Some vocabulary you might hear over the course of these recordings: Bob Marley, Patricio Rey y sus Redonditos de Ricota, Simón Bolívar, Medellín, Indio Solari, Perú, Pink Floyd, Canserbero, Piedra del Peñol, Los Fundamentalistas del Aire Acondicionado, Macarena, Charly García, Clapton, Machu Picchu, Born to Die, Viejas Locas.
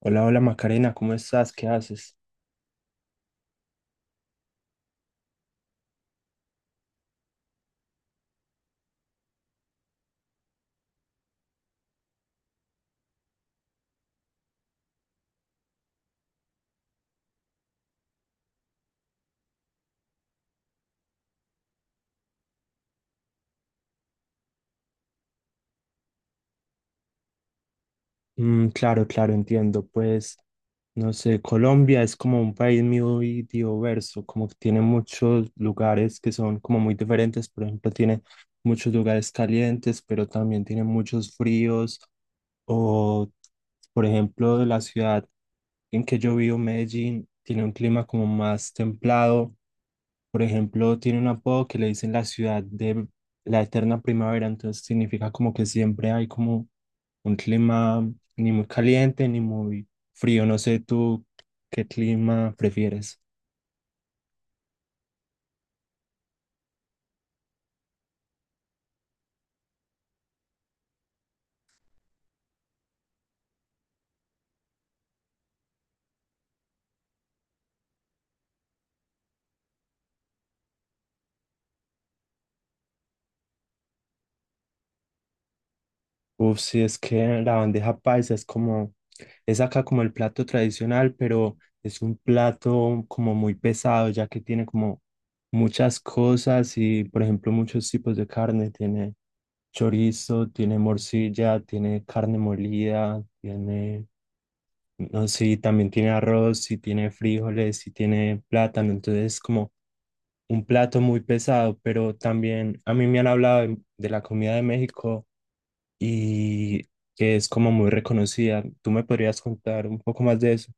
Hola, hola Macarena, ¿cómo estás? ¿Qué haces? Claro, entiendo. Pues, no sé, Colombia es como un país muy diverso, como que tiene muchos lugares que son como muy diferentes. Por ejemplo, tiene muchos lugares calientes, pero también tiene muchos fríos. O, por ejemplo, la ciudad en que yo vivo, Medellín, tiene un clima como más templado. Por ejemplo, tiene un apodo que le dicen la ciudad de la eterna primavera, entonces significa como que siempre hay como un clima ni muy caliente ni muy frío. No sé tú qué clima prefieres. Uf, sí, es que la bandeja paisa es como, es acá como el plato tradicional, pero es un plato como muy pesado, ya que tiene como muchas cosas y, por ejemplo, muchos tipos de carne. Tiene chorizo, tiene morcilla, tiene carne molida, tiene, no sé, y también tiene arroz, y tiene frijoles, y tiene plátano. Entonces es como un plato muy pesado, pero también a mí me han hablado de la comida de México y que es como muy reconocida. ¿Tú me podrías contar un poco más de eso?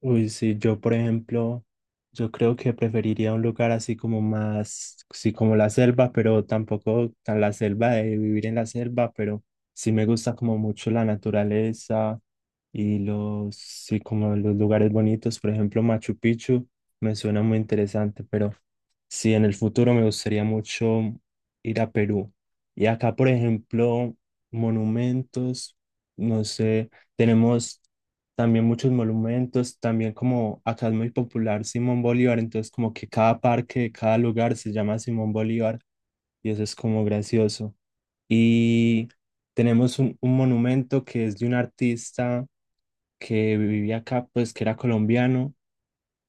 Uy, sí, yo por ejemplo, yo creo que preferiría un lugar así como más, sí, como la selva, pero tampoco tan la selva de vivir en la selva, pero sí me gusta como mucho la naturaleza y los, sí, como los lugares bonitos, por ejemplo, Machu Picchu me suena muy interesante, pero sí, en el futuro me gustaría mucho ir a Perú. Y acá, por ejemplo, monumentos, no sé, tenemos también muchos monumentos, también como acá es muy popular Simón Bolívar, entonces como que cada parque, cada lugar se llama Simón Bolívar y eso es como gracioso. Y tenemos un monumento que es de un artista que vivía acá, pues que era colombiano,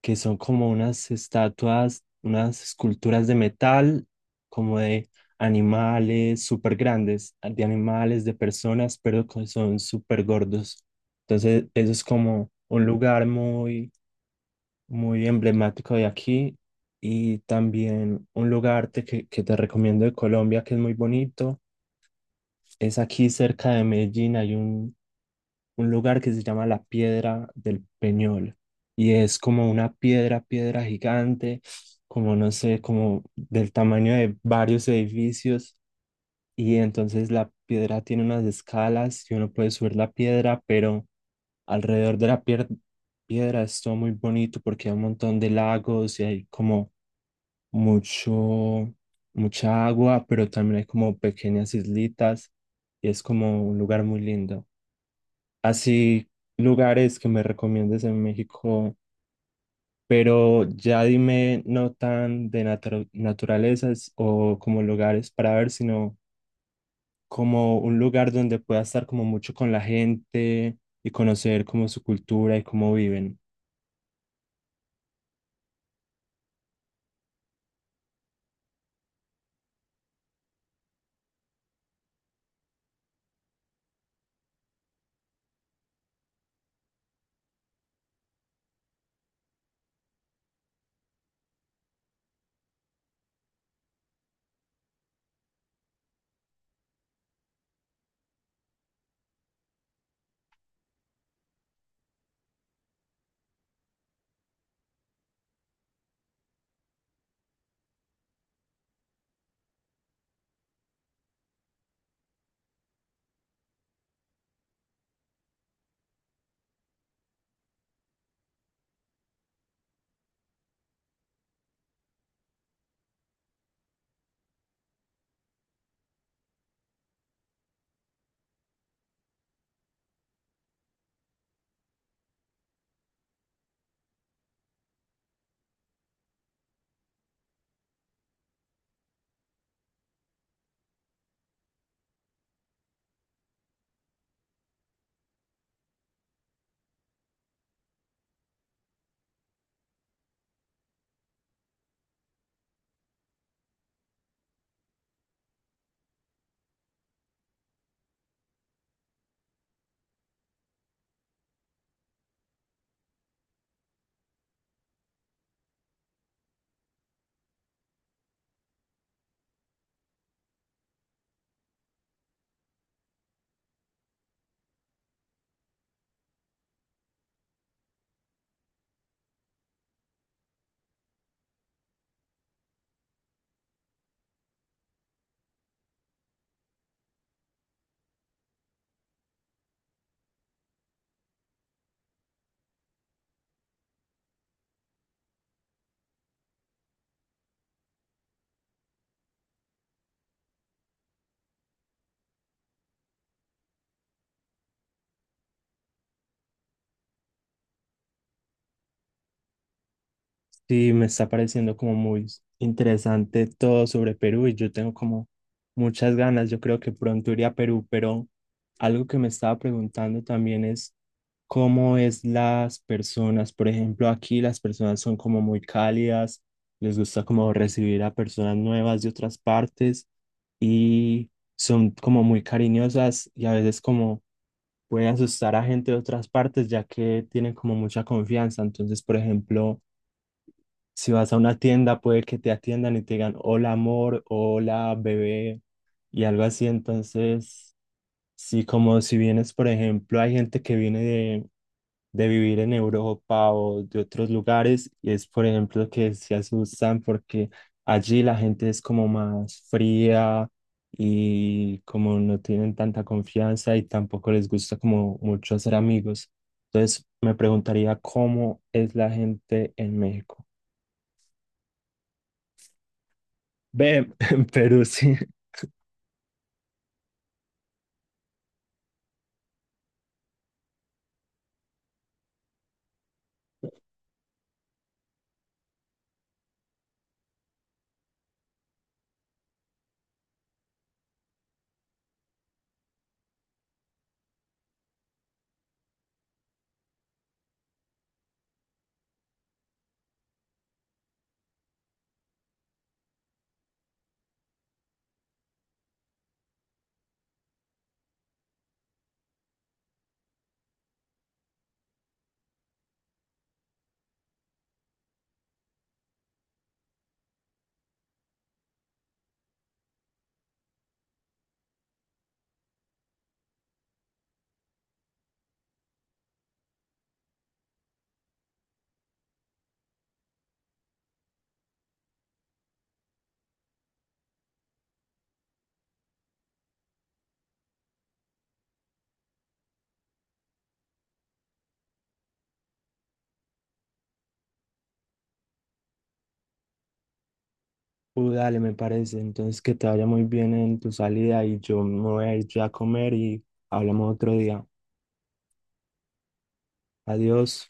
que son como unas estatuas, unas esculturas de metal, como de animales súper grandes, de animales, de personas, pero que son súper gordos. Entonces, eso es como un lugar muy, muy emblemático de aquí y también un lugar que te recomiendo de Colombia que es muy bonito. Es aquí cerca de Medellín, hay un lugar que se llama la Piedra del Peñol y es como una piedra, piedra gigante, como no sé, como del tamaño de varios edificios, y entonces la piedra tiene unas escalas y uno puede subir la piedra, pero alrededor de piedra es todo muy bonito porque hay un montón de lagos y hay como mucho, mucha agua, pero también hay como pequeñas islitas y es como un lugar muy lindo, así lugares que me recomiendes en México, pero ya dime no tan de naturalezas o como lugares para ver, sino como un lugar donde pueda estar como mucho con la gente y conocer como su cultura y cómo viven. Sí, me está pareciendo como muy interesante todo sobre Perú y yo tengo como muchas ganas. Yo creo que pronto iré a Perú, pero algo que me estaba preguntando también es cómo es las personas. Por ejemplo, aquí las personas son como muy cálidas, les gusta como recibir a personas nuevas de otras partes y son como muy cariñosas y a veces como puede asustar a gente de otras partes ya que tienen como mucha confianza. Entonces, por ejemplo, si vas a una tienda, puede que te atiendan y te digan hola amor, hola bebé y algo así. Entonces, sí, como si vienes, por ejemplo, hay gente que viene de vivir en Europa o de otros lugares y es, por ejemplo, que se asustan porque allí la gente es como más fría y como no tienen tanta confianza y tampoco les gusta como mucho hacer amigos. Entonces, me preguntaría cómo es la gente en México. Ve, pero sí, dale, me parece. Entonces, que te vaya muy bien en tu salida y yo me voy a ir ya a comer y hablamos otro día. Adiós.